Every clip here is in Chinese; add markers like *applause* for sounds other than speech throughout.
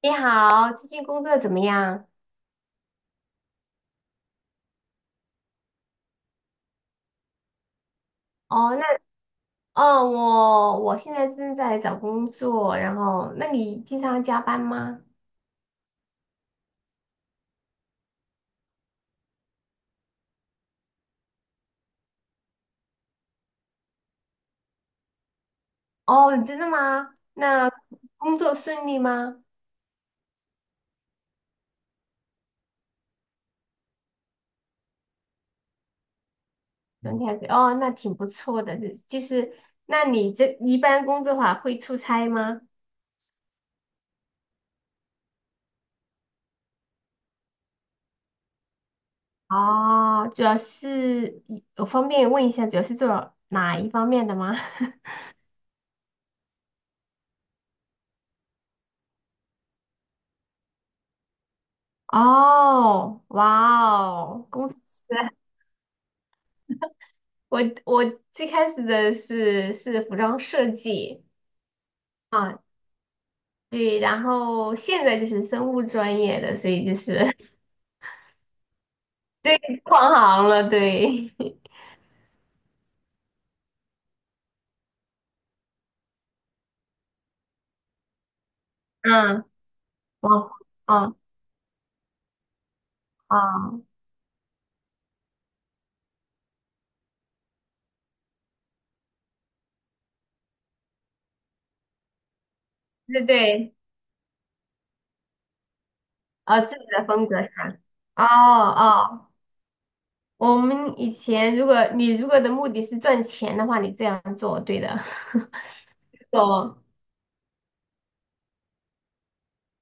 你好，最近工作怎么样？哦，那哦，我现在正在找工作，然后那你经常加班吗？哦，真的吗？那工作顺利吗？顺体还是哦，那挺不错的，就是那你这一般工作的话会出差吗？哦，主要是我方便问一下，主要是做哪一方面的吗？*laughs* 哦，哇哦，公司。我最开始的是服装设计啊，对，然后现在就是生物专业的，所以就是 *laughs* 对跨行了，对，*laughs* 嗯，哦，哦哦，对对，啊，自己的风格是吧？哦哦，我们以前如果你如果的目的是赚钱的话，你这样做对的，*laughs* 懂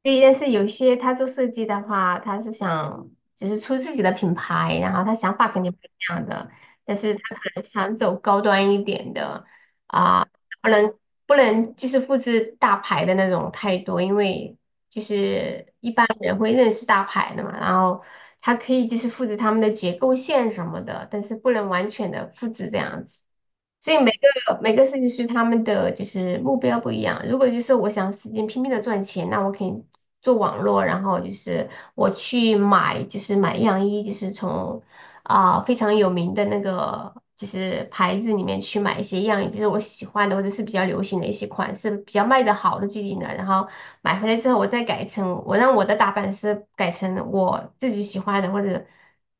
对，但是有些他做设计的话，他是想就是出自己的品牌，然后他想法肯定不一样的，但是他可能想走高端一点的啊，不能不能就是复制大牌的那种太多，因为就是一般人会认识大牌的嘛，然后它可以就是复制他们的结构线什么的，但是不能完全的复制这样子。所以每个设计师他们的就是目标不一样。如果就是我想使劲拼命的赚钱，那我可以做网络，然后就是我去买就是买样衣，就是从啊、非常有名的那个就是牌子里面去买一些样，也就是我喜欢的或者是比较流行的一些款式，比较卖得好的最近的，然后买回来之后我再改成我让我的打版师改成我自己喜欢的，或者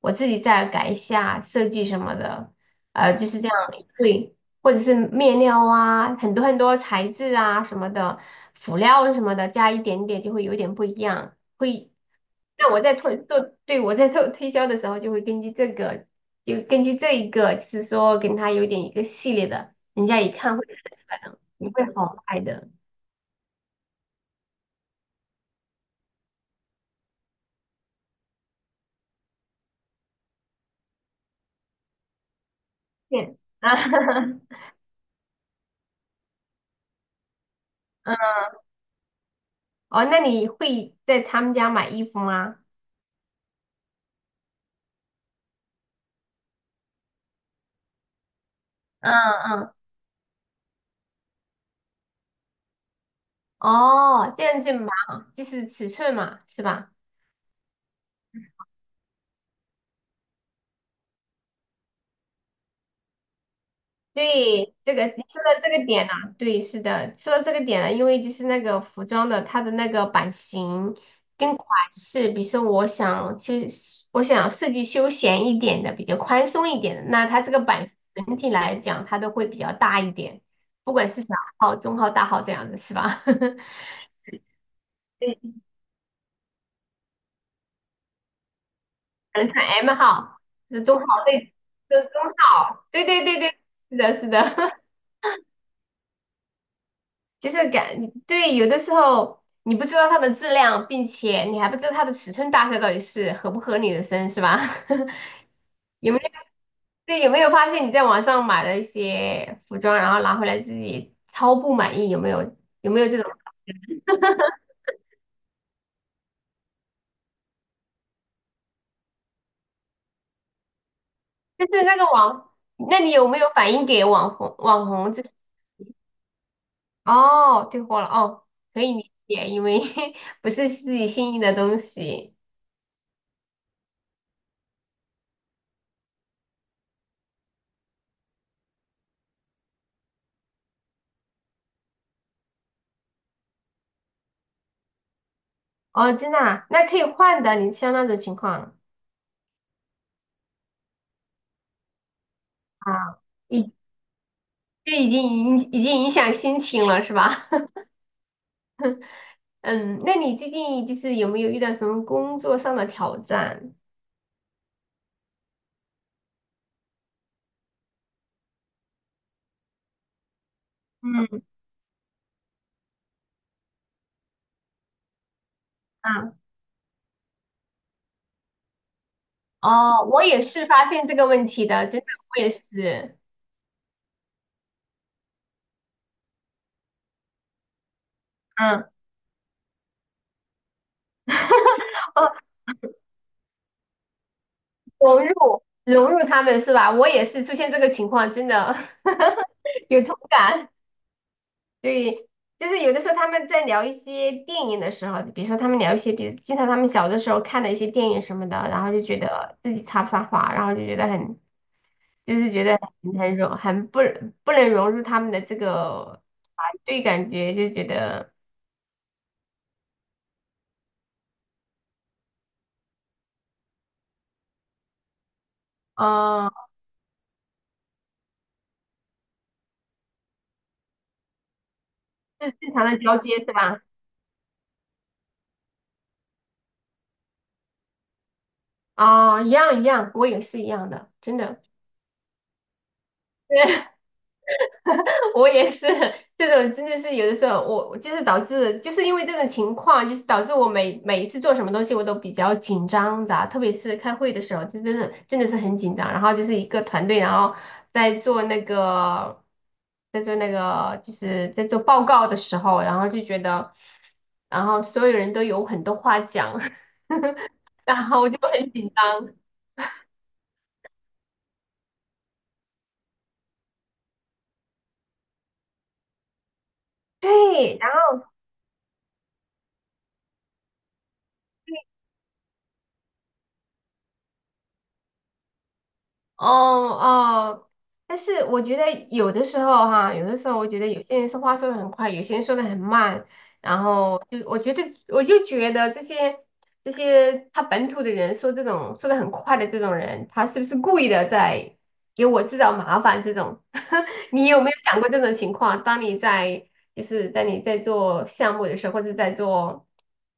我自己再改一下设计什么的，就是这样对，或者是面料啊，很多很多材质啊什么的，辅料什么的，加一点点就会有点不一样。会那我在推做，对，我在做推销的时候，就会根据这个，就根据这一个，就是说跟他有点一个系列的，人家一看会看出来的，你会好卖的。对啊，*laughs* 嗯，哦，那你会在他们家买衣服吗？嗯嗯，哦，这样子码，就是尺寸嘛，是吧？对，这个你说的这个点呢、对，是的，说到这个点了，因为就是那个服装的它的那个版型跟款式，比如说我想其实我想设计休闲一点的，比较宽松一点的，那它这个版型整体来讲它都会比较大一点，不管是小号、中号、大号这样子是吧？*laughs* 对，可能像 M 号、中号对，就是中号，对对对对，是的，是的，*laughs* 就是感，对，有的时候你不知道它的质量，并且你还不知道它的尺寸大小到底是合不合你的身，是吧？*laughs* 有没有，对，有没有发现你在网上买了一些服装，然后拿回来自己超不满意，有没有？有没有这种？就是那个网，那你有没有反映给网红？网红这哦，退货了哦，可以理解，因为 *laughs* 不是自己心仪的东西哦，真的啊那可以换的，你像那种情况啊。这已经影响心情了，是吧？*laughs* 嗯，那你最近就是有没有遇到什么工作上的挑战？嗯啊，哦，我也是发现这个问题的，真的，我也是，嗯，哦，融入他们是吧？我也是出现这个情况，真的 *laughs* 有同感。对，就是有的时候他们在聊一些电影的时候，比如说他们聊一些，比如经常他们小的时候看的一些电影什么的，然后就觉得自己插不上话，然后就觉得很。就是觉得很融，很不能融入他们的这个团队感觉，就觉得哦，就是正常的交接是吧？啊，一样一样，我也是一样的，真的。*laughs* 我也是，这种真的是有的时候我就是导致，就是因为这种情况，就是导致我每一次做什么东西我都比较紧张的，特别是开会的时候，就真的真的是很紧张。然后就是一个团队，然后在做那个在做那个就是在做报告的时候，然后就觉得，然后所有人都有很多话讲，*laughs* 然后我就很紧张。对，哦哦，但是我觉得有的时候哈，有的时候我觉得有些人说话说的很快，有些人说的很慢，然后就我就觉得这些他本土的人说这种说的很快的这种人，他是不是故意的在给我制造麻烦？这种，*laughs* 你有没有想过这种情况？当你在就是在你在做项目的时候，或者在做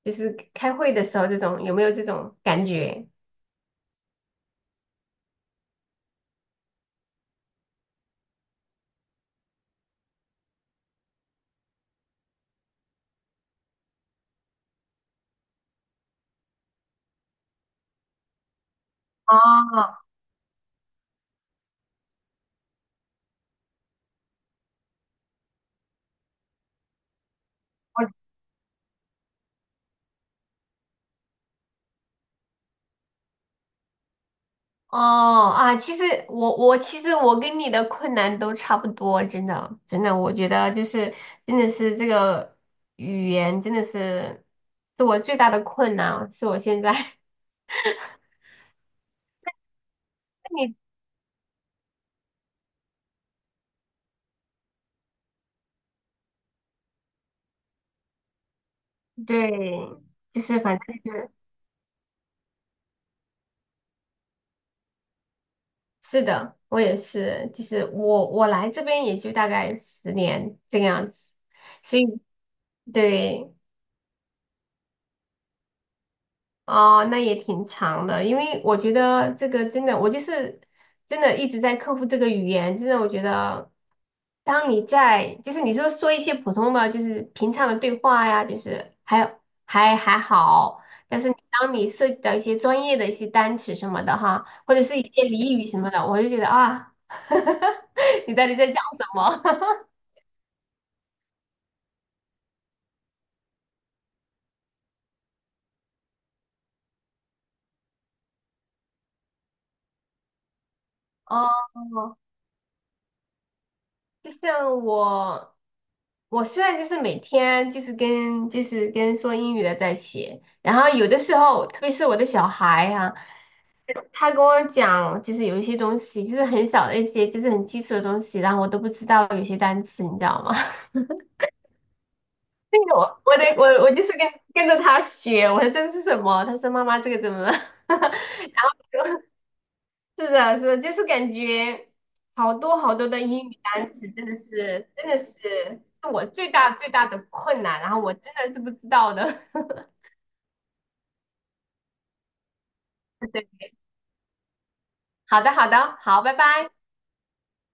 就是开会的时候，这种有没有这种感觉？哦，我哦啊，其实我其实我跟你的困难都差不多，真的真的，我觉得就是真的是这个语言真的是我最大的困难，是我现在 *laughs* 你对，就是反正是是的，我也是，就是我来这边也就大概10年这个样子，所以对。哦，那也挺长的，因为我觉得这个真的，我就是真的一直在克服这个语言。真的，我觉得，当你在就是你说说一些普通的，就是平常的对话呀，就是还有还好，但是当你涉及到一些专业的一些单词什么的哈，或者是一些俚语什么的，我就觉得啊，*laughs* 你到底在讲什么？*laughs* 哦，就像我。我虽然就是每天就是跟说英语的在写，然后有的时候，特别是我的小孩啊，他跟我讲就是有一些东西，就是很小的一些，就是很基础的东西，然后我都不知道有些单词，你知道吗？*laughs* 那个我得我就是跟跟着他学，我说这个是什么？他说妈妈这个怎么了？*laughs* 是的，是的，就是感觉好多好多的英语单词，真的是我最大最大的困难，然后我真的是不知道的。*laughs* 好的，好的，好，拜拜。